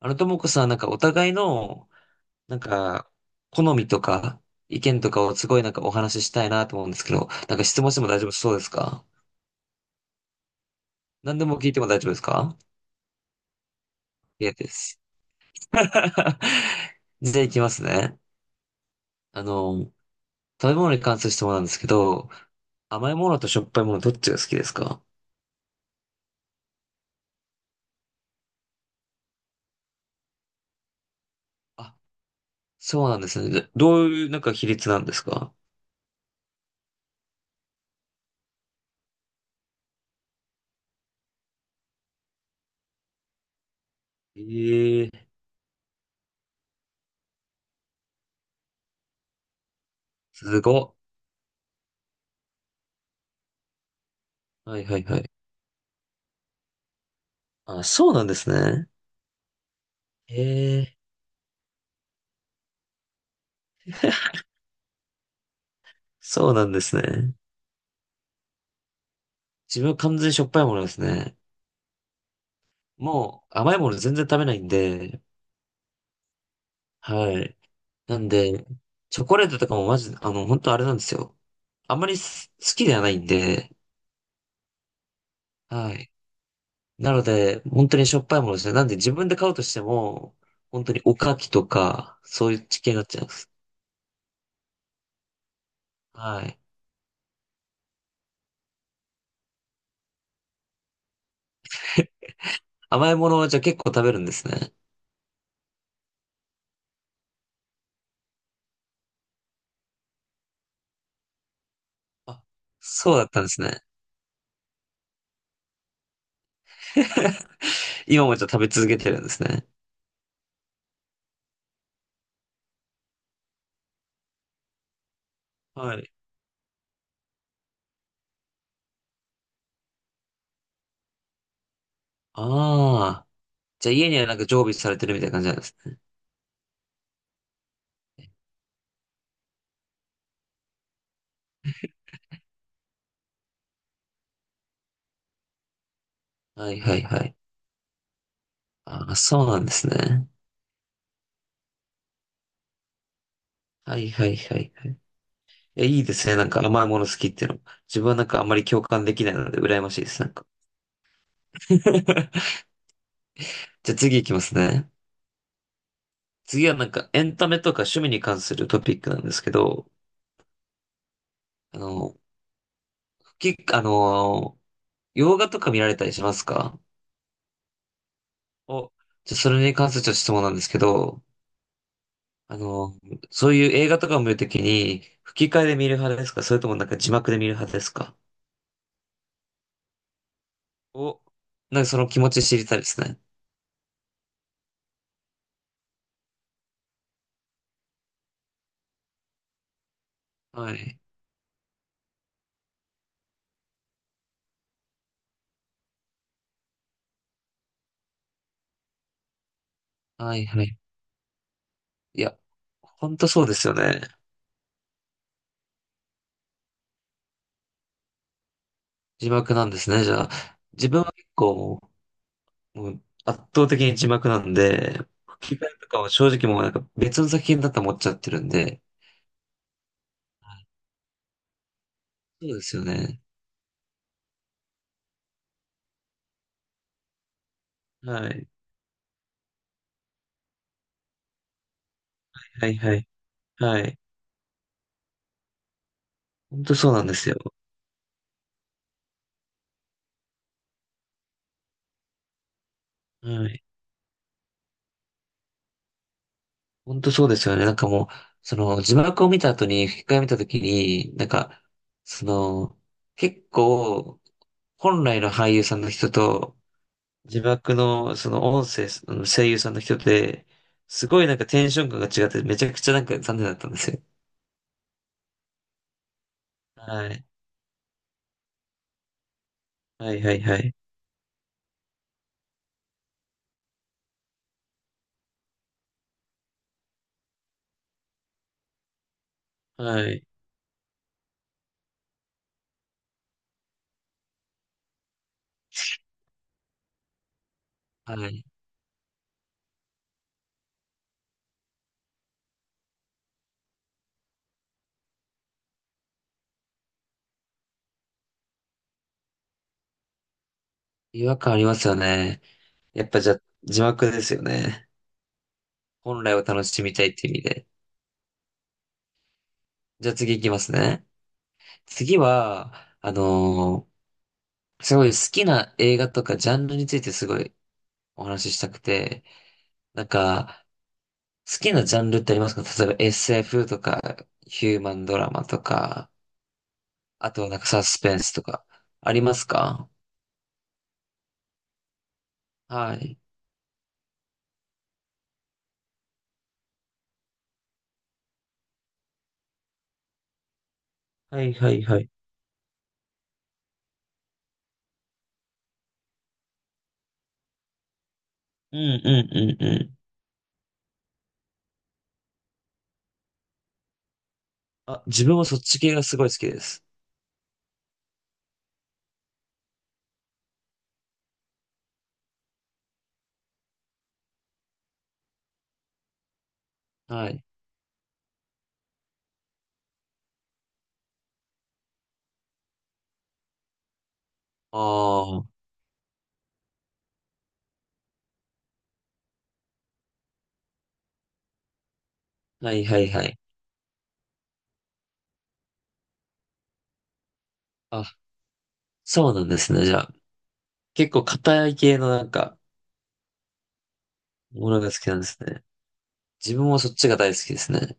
ともこさん、お互いの、なんか、好みとか、意見とかをすごいお話ししたいなと思うんですけど、なんか質問しても大丈夫そうですか？何でも聞いても大丈夫ですか？いやです。じゃあいきますね。あの、食べ物に関する質問なんですけど、甘いものとしょっぱいものどっちが好きですか？あ、そうなんですね。でどういうなんか比率なんですか？ええ、すごっ。はいはいはい。あ、そうなんですね。ええ、そうなんですね。自分は完全にしょっぱいものですね。もう甘いもの全然食べないんで、はい。なんで、チョコレートとかもマジ、本当あれなんですよ。あんまり好きではないんで、はい。なので、本当にしょっぱいものですね。なんで自分で買うとしても、本当におかきとか、そういう地形になっちゃいます。はい。甘いものはじゃあ結構食べるんですね。あ、そうだったんですね。今もじゃあ食べ続けてるんですね。はい。ああ。じゃあ家にはなんか常備されてるみたいな感じなんですね。はいはいはい。ああ、そうなんですね。はいはいはいはい。え、いいですね。なんか甘いもの好きっていうの。自分はなんかあんまり共感できないので羨ましいです。なんか。じゃあ次行きますね。次はなんかエンタメとか趣味に関するトピックなんですけど、あの、き、あの、洋画とか見られたりしますか？お、じゃあそれに関するちょっと質問なんですけど、あの、そういう映画とかを見るときに吹き替えで見る派ですか？それともなんか字幕で見る派ですか？お、なんかその気持ち知りたいですね。はい。はいはい。いや、ほんとそうですよね。字幕なんですね、じゃあ。自分は結構もう圧倒的に字幕なんで、吹き替えとかは正直もうなんか別の作品だと思っちゃってるんで。はい、そうですよね。はい。はいはい。はい。ほんとそうなんですよ。はい。ほんとそうですよね。なんかもう、その字幕を見た後に吹き替えを見た時に、なんか、その、結構、本来の俳優さんの人と、字幕のその音声、あの声優さんの人で、すごいなんかテンション感が違って、めちゃくちゃなんか残念だったんですよ。はい。はいはいはい。はい。はい。違和感ありますよね。やっぱじゃあ、字幕ですよね。本来を楽しみたいっていう意味で。じゃあ次行きますね。次は、あのーすごい好きな映画とかジャンルについてすごいお話ししたくて、なんか、好きなジャンルってありますか？例えば SF とか、ヒューマンドラマとか、あとはなんかサスペンスとか、ありますか？はい。はいはいはい。うんうんうんうん。あ、自分はそっち系がすごい好きです。はい。ああ、はいはいはい。あ、そうなんですね。じゃあ、結構硬い系のなんか、ものが好きなんですね。自分もそっちが大好きですね。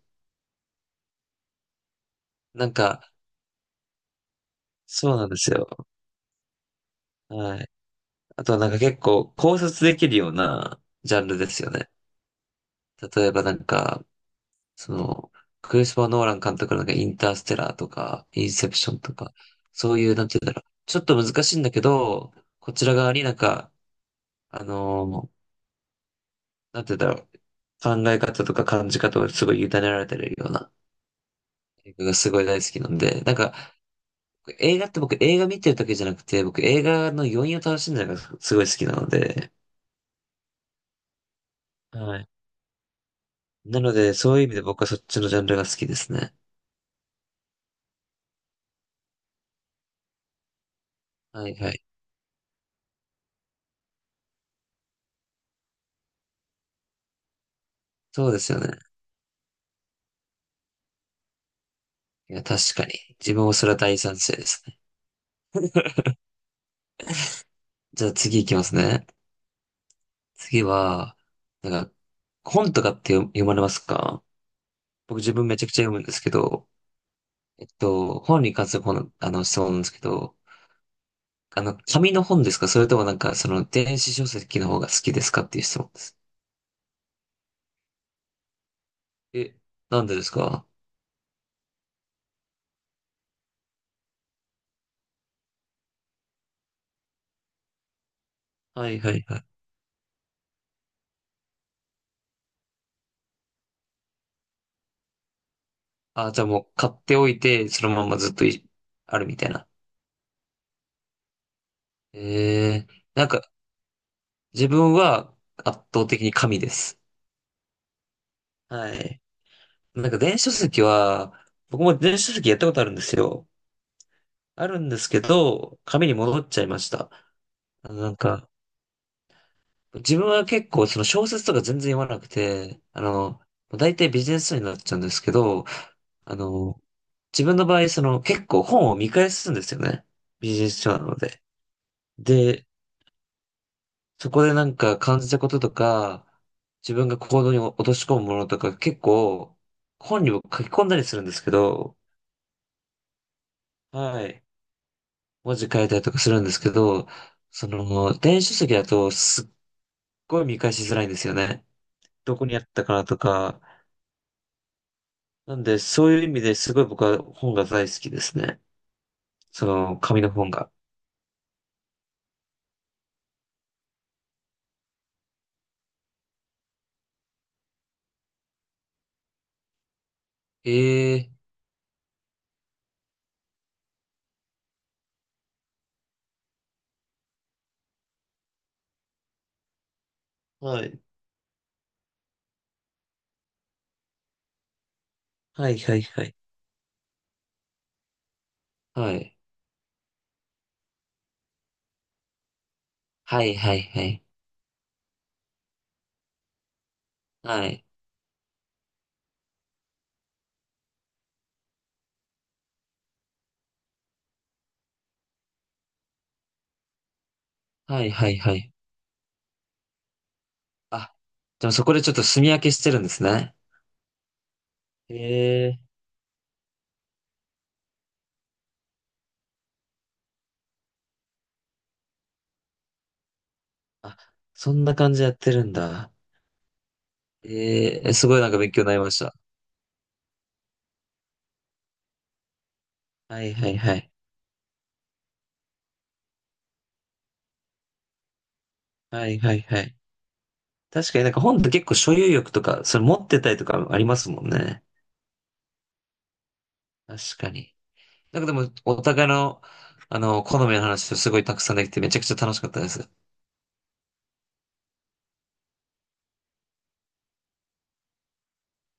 なんか、そうなんですよ。はい。あとはなんか結構考察できるようなジャンルですよね。例えばなんか、その、クリスパー・ノーラン監督のなんかインターステラーとか、インセプションとか、そういう、なんて言うんだろう。ちょっと難しいんだけど、こちら側になんか、あのーなんて言うんだろう。考え方とか感じ方をすごい委ねられてるような映画がすごい大好きなんで、なんか、映画って僕映画見てるだけじゃなくて、僕映画の余韻を楽しんでるのがすごい好きなので、はい。なので、そういう意味で僕はそっちのジャンルが好きですね。はいはい。そうですよね。いや、確かに。自分もそれは大賛成ですね。じゃあ次行きますね。次は、なんか、本とかって読まれますか？僕自分めちゃくちゃ読むんですけど、えっと、本に関する本、質問なんですけど、紙の本ですか？それともなんか、その、電子書籍の方が好きですかっていう質問です。え、なんでですか？はいはいはい。あ、じゃあもう買っておいて、そのままずっとあるみたいな。えー、なんか、自分は圧倒的に紙です。はい。なんか電子書籍は、僕も電子書籍やったことあるんですよ。あるんですけど、紙に戻っちゃいました。あの、なんか、自分は結構その小説とか全然読まなくて、大体ビジネス書になっちゃうんですけど、あの、自分の場合その結構本を見返すんですよね。ビジネス書なので。で、そこでなんか感じたこととか、自分が行動に落とし込むものとか結構本にも書き込んだりするんですけど、はい。文字変えたりとかするんですけど、その、電子書籍だとすっごい見返しづらいんですよね。どこにあったかなとか。なんで、そういう意味ですごい僕は本が大好きですね。その、紙の本が。ええ、はい。はいはいはい。はい。はいはいはい。はい。はいはいはい。あ、でもそこでちょっと墨分けしてるんですね。ええ、あ、そんな感じやってるんだ。ええ、すごいなんか勉強になりました。はいはいはい。はいはいはい。確かになんか本って結構所有欲とか、それ持ってたりとかありますもんね。確かに。なんかでも、お互いの、あの、好みの話をすごいたくさんできてめちゃくちゃ楽しかったです。